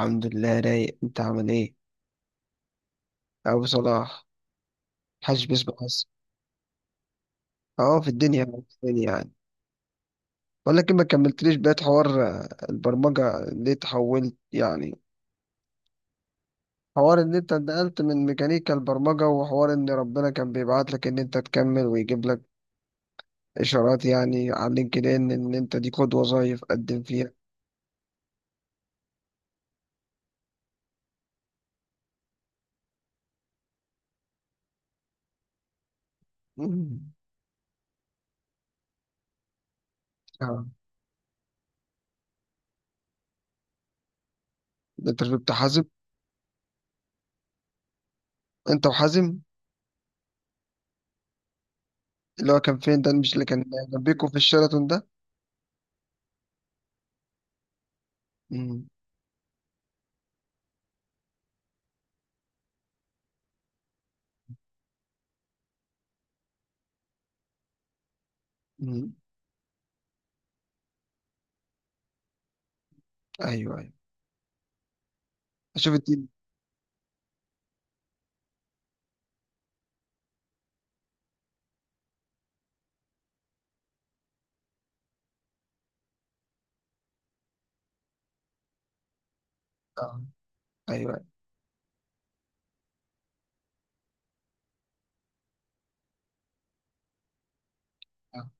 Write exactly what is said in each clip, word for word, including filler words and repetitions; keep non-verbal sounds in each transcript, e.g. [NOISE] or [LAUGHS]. الحمد لله رايق، انت عامل ايه ابو صلاح؟ حاج باسمك بس. اه، في الدنيا في الدنيا يعني. بقول لك إيه، ما كملتليش بقية حوار آه، البرمجة ليه تحولت يعني. حوار ان انت انتقلت من ميكانيكا البرمجة، وحوار ان ربنا كان بيبعت لك ان انت تكمل ويجيب لك اشارات يعني على لينكد ان ان انت دي خد وظايف قدم فيها. [CLEARS THROAT] مم. اه، انت كنت حازم. انت وحازم اللي هو كان فين، ده مش اللي كان جنبيكوا في الشيراتون ده؟ مم. مم. ايوه ايوه، اشوف التيم. آه. ايوه. أيوة.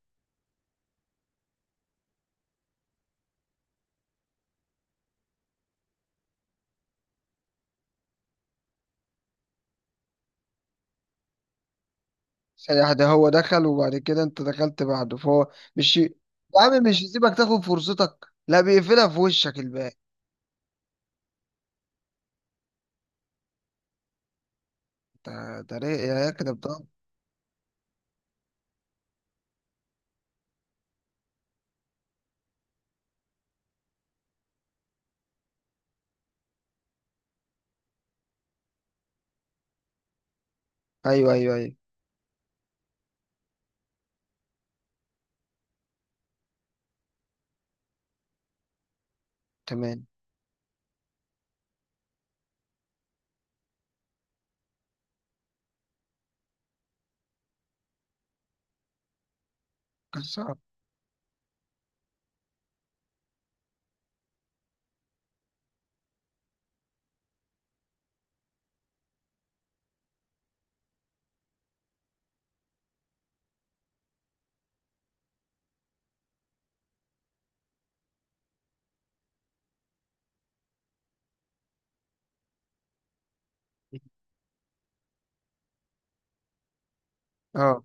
سيح، ده هو دخل وبعد كده انت دخلت بعده، فهو مش يا عم مش يسيبك تاخد فرصتك، لا بيقفلها في وشك الباقي. ده ده ري- يا كده بضل. ايوه ايوه ايوه، تمام. قصة. اه،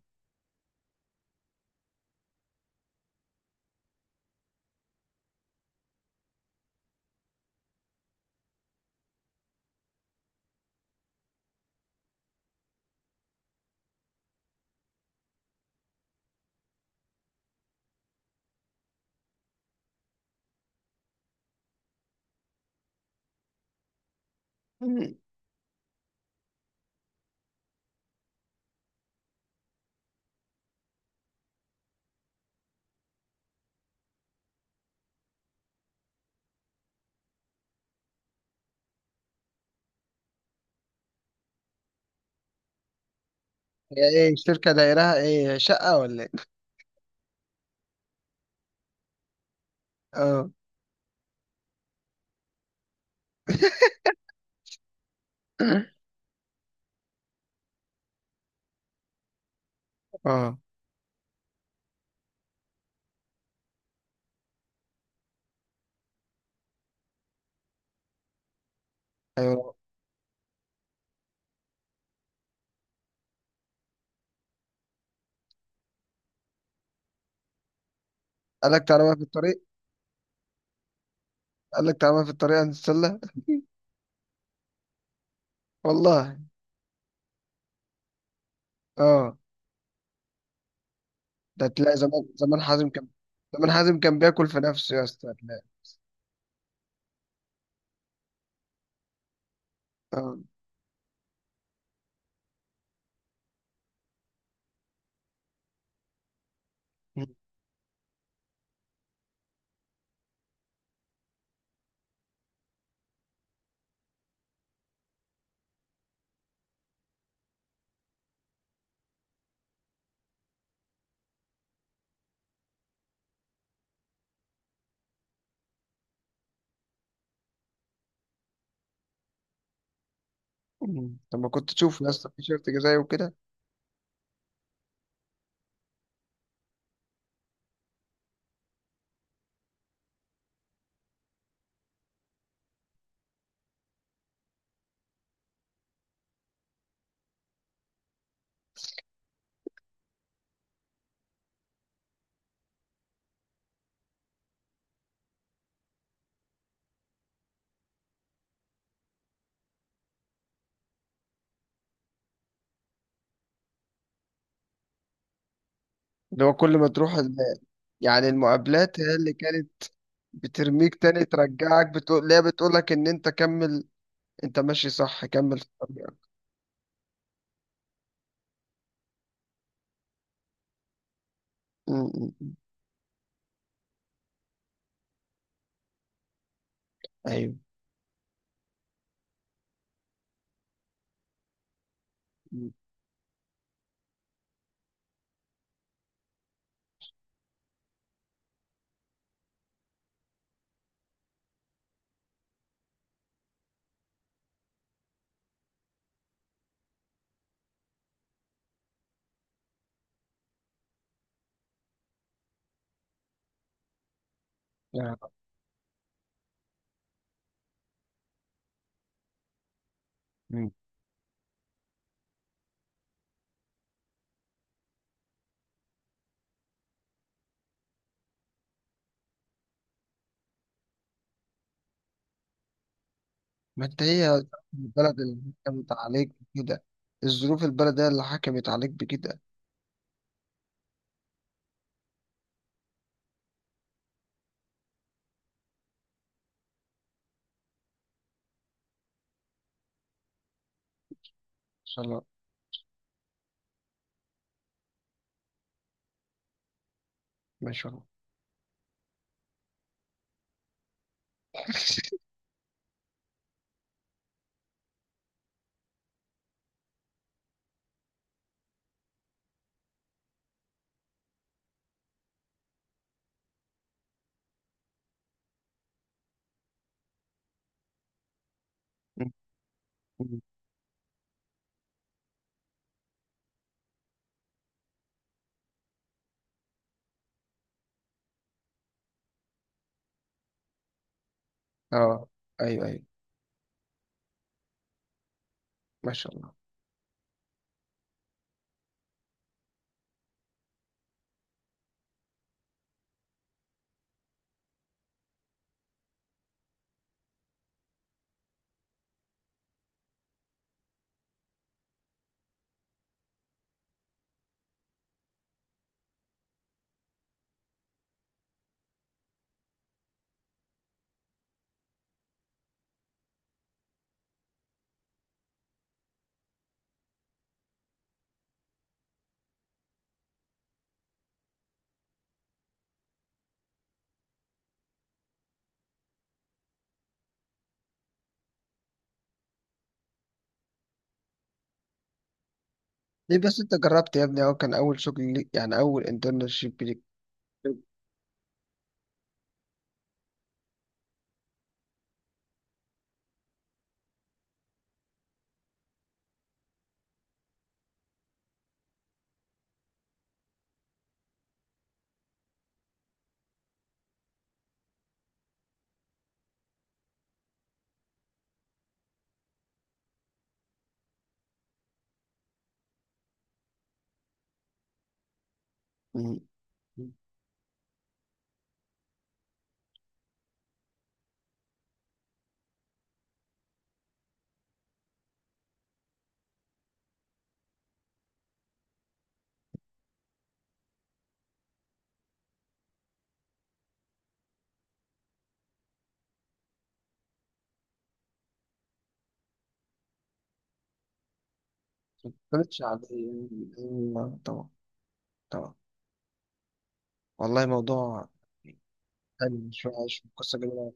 هي ايه الشركة، دايرها ايه شقة ولا ايه؟ اه. [LAUGHS] اه. ايوه، قال لك تعالى بقى في الطريق؟ قال لك تعالى بقى في الطريق هنتسلى؟ والله. اه، ده تلاقي زمان زمان حازم كان، زمان حازم كان بياكل في نفسه يا اسطى هتلاقي. اه. مم. طب ما كنت تشوف يا اسطى في شرط جزائي وكده. اللي هو كل ما تروح ال- يعني المقابلات هي اللي كانت بترميك تاني ترجعك، بتقول ليه، بتقول لك ان انت كمل، انت ماشي صح كمل في الطريق. مم. مم. ايوه. مم. يا رب. مم. ما انت هي البلد اللي حكمت عليك بكده، الظروف، البلد هي اللي حكمت عليك بكده. ان شاء الله. ما شاء الله. [LAUGHS] مم. مم. اه. ايوه ايوه، ما شاء الله. ليه بس انت جربت يا ابني، اهو كان اول شغل ليك يعني، اول انترنشيب ليك. مم. مش عليه. أيوة، طبعا. طبعا. والله موضوع حلو، شوية عايش قصة جميلة.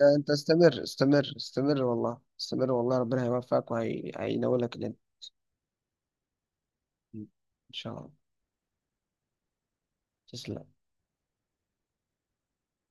لا، أنت استمر استمر استمر، والله استمر والله ربنا هيوفقك وهينولك اللي أنت فيه. إن شاء الله. تسلم.